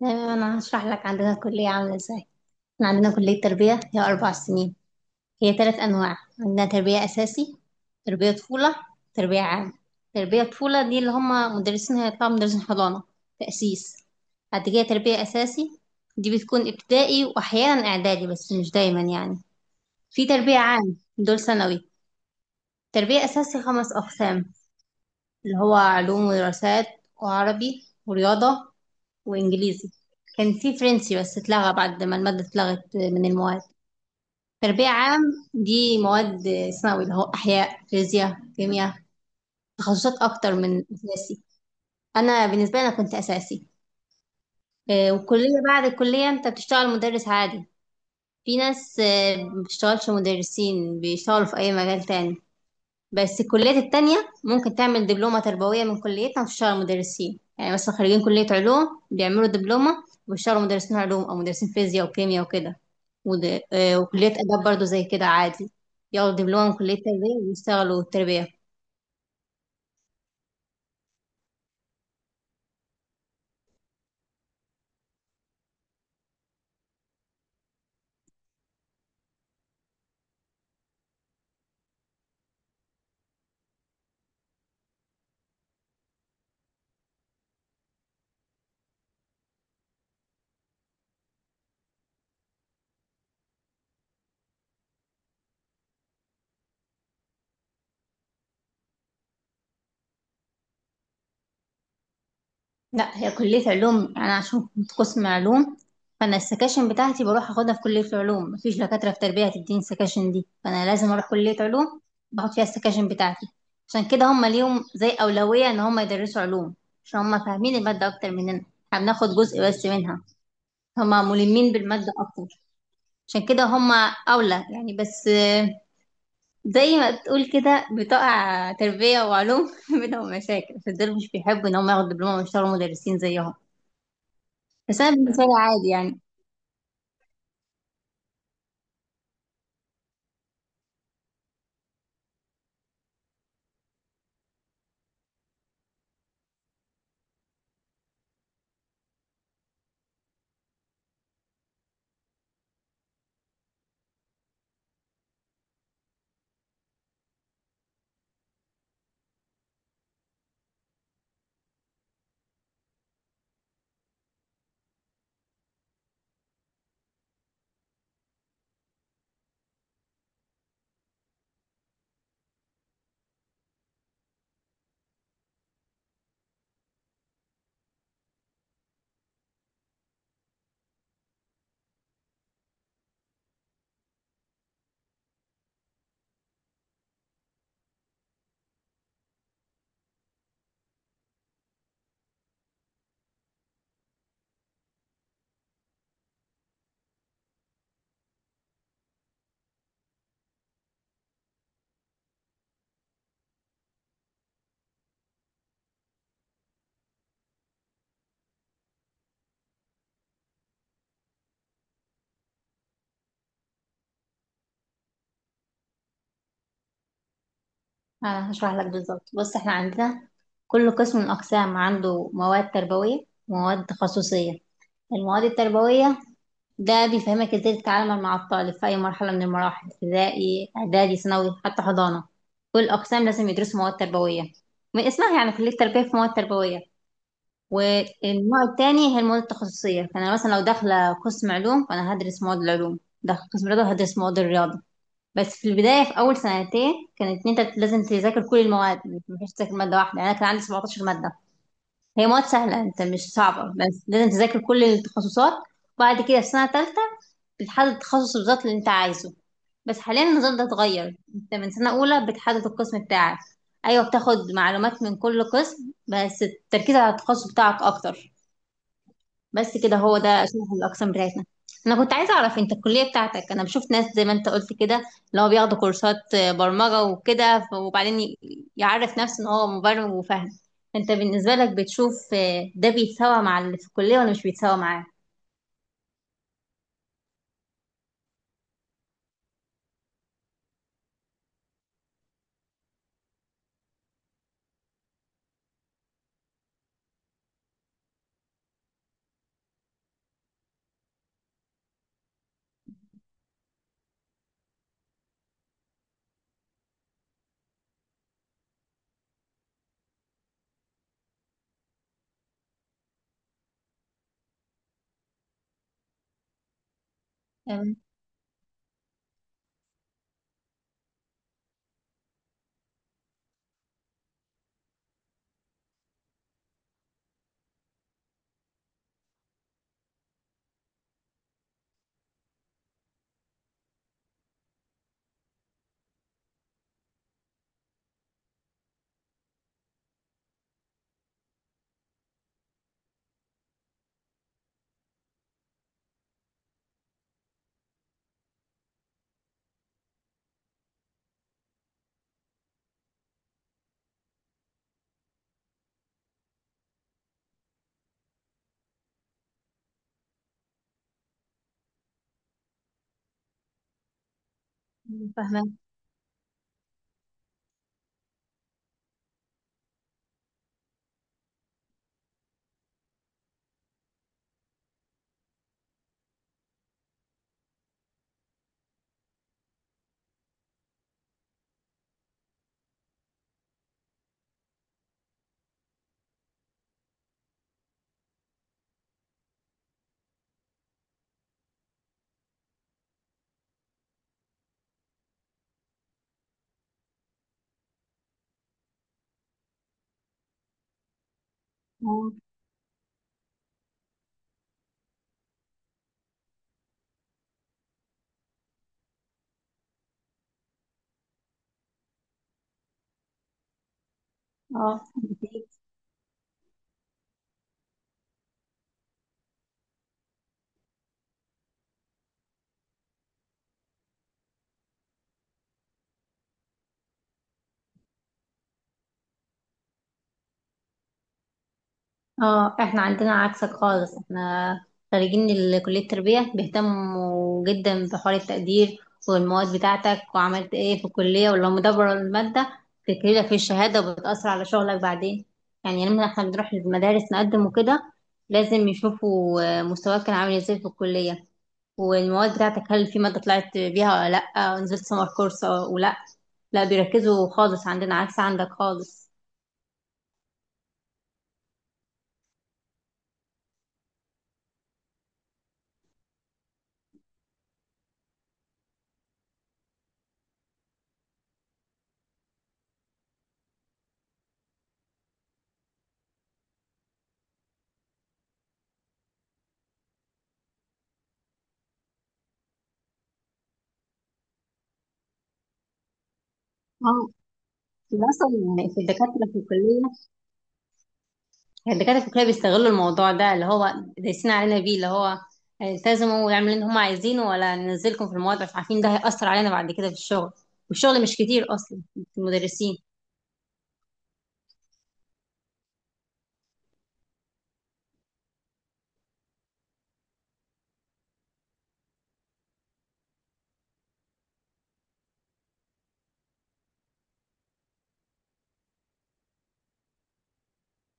تمام، انا هشرح لك عندنا الكلية عاملة ازاي. احنا عندنا كلية تربية، هي 4 سنين. هي 3 انواع: عندنا تربية اساسي، تربية طفولة، تربية عام. تربية طفولة دي اللي هم مدرسين، هيطلعوا مدرسين حضانة، تأسيس. بعد كده تربية اساسي، دي بتكون ابتدائي واحيانا اعدادي بس مش دايما يعني. في تربية عام دول ثانوي. تربية اساسي 5 اقسام، اللي هو علوم ودراسات وعربي ورياضة وانجليزي. كان في فرنسي بس اتلغى بعد ما المادة اتلغت من المواد. تربية عام دي مواد ثانوي اللي هو أحياء، فيزياء، كيمياء. تخصصات أكتر من أساسي. أنا بالنسبة لي أنا كنت أساسي. والكلية، بعد الكلية أنت بتشتغل مدرس عادي. في ناس ما بتشتغلش مدرسين، بيشتغلوا في أي مجال تاني بس الكليات التانية. ممكن تعمل دبلومة تربوية من كليتنا وتشتغل مدرسين، يعني مثلا خريجين كلية علوم بيعملوا دبلومة وبيشتغلوا مدرسين علوم أو مدرسين فيزياء وكيمياء وكده. ود... آه، وكلية آداب برضو زي كده عادي. ياخدوا دبلومة من كلية تربية ويشتغلوا التربية. لا، هي كلية علوم أنا عشان كنت قسم علوم. فأنا السكاشن بتاعتي بروح أخدها في كلية العلوم، مفيش دكاترة في تربية هتديني السكاشن دي فأنا لازم أروح كلية علوم، باخد فيها السكاشن بتاعتي. عشان كده هما ليهم زي أولوية إن هما يدرسوا علوم، عشان هما فاهمين المادة أكتر مننا. احنا بناخد جزء بس منها، هما ملمين بالمادة أكتر. عشان كده هما أولى يعني. بس زي ما تقول كده بتقع تربية وعلوم بينهم مشاكل، فدول مش بيحبوا إن هما ياخدوا دبلومة ويشتغلوا مدرسين زيهم. بس انا بالنسبه لي عادي يعني. انا هشرح لك بالظبط، بص. احنا عندنا كل قسم من الاقسام عنده مواد تربويه ومواد تخصصيه. المواد التربويه ده بيفهمك ازاي تتعامل مع الطالب في اي مرحله من المراحل، ابتدائي، اعدادي، ثانوي، حتى حضانه. كل الاقسام لازم يدرسوا مواد تربويه، من اسمها يعني كليه تربيه في مواد تربويه. والنوع التاني هي المواد التخصصيه، فانا مثلا لو داخله قسم علوم فانا هدرس مواد العلوم، داخل قسم رياضه هدرس مواد الرياضه. بس في البداية، في أول 2 سنتين كانت إن أنت لازم تذاكر كل المواد، مش تذاكر مادة واحدة. يعني أنا كان عندي 17 مادة، هي مواد سهلة أنت مش صعبة بس لازم تذاكر كل التخصصات. وبعد كده في سنة تالتة بتحدد التخصص بالظبط اللي أنت عايزه. بس حاليا النظام ده اتغير، أنت من سنة أولى بتحدد القسم بتاعك. أيوة، بتاخد معلومات من كل قسم بس التركيز على التخصص بتاعك أكتر. بس كده، هو ده شبه الأقسام بتاعتنا. أنا كنت عايزة أعرف أنت الكلية بتاعتك. أنا بشوف ناس زي ما أنت قلت كده اللي هو بياخدوا كورسات برمجة وكده وبعدين يعرف نفسه إن هو مبرمج وفاهم. أنت بالنسبة لك بتشوف ده بيتساوى مع اللي في الكلية ولا مش بيتساوى معاه؟ أم، فاهمة. اه، اه، اه، احنا عندنا عكسك خالص. احنا خريجين كلية التربية بيهتموا جدا بحوار التقدير والمواد بتاعتك وعملت ايه في الكلية، ولو مدبر المادة بتجيلك في الشهادة وبتأثر على شغلك بعدين. يعني لما احنا بنروح المدارس نقدم وكده لازم يشوفوا مستواك كان عامل ازاي في الكلية، والمواد بتاعتك هل في مادة طلعت بيها ولا لأ، نزلت سمر كورس ولا لأ. بيركزوا خالص عندنا، عكس عندك خالص. اه، ده اصلا في الدكاتره في الكليه، الدكاترة الفكرية بيستغلوا الموضوع ده اللي هو دايسين علينا بيه، اللي هو التزموا ويعملوا اللي هم عايزينه ولا ننزلكم في المواد، عشان عارفين ده هيأثر علينا بعد كده في الشغل، والشغل مش كتير أصلا في المدرسين.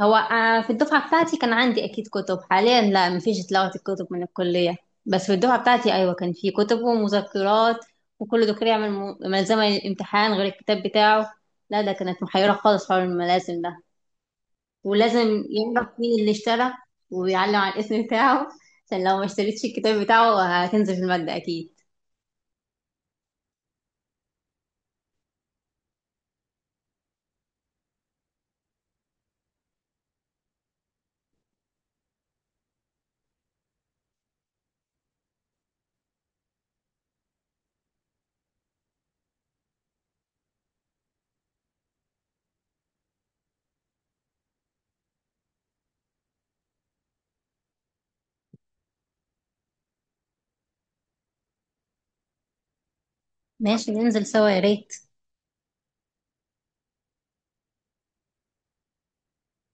هو في الدفعة بتاعتي كان عندي أكيد كتب، حاليا لا مفيش، اتلغت الكتب من الكلية. بس في الدفعة بتاعتي أيوة كان في كتب ومذكرات، وكل دكتور يعمل ملزمة للامتحان غير الكتاب بتاعه. لا ده كانت محيرة خالص حول الملازم ده. ولازم يعرف مين اللي اشترى ويعلم على الاسم بتاعه، عشان لو ما اشتريتش الكتاب بتاعه هتنزل في المادة أكيد. ماشي، ننزل سوا يا ريت.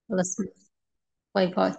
خلاص، باي باي.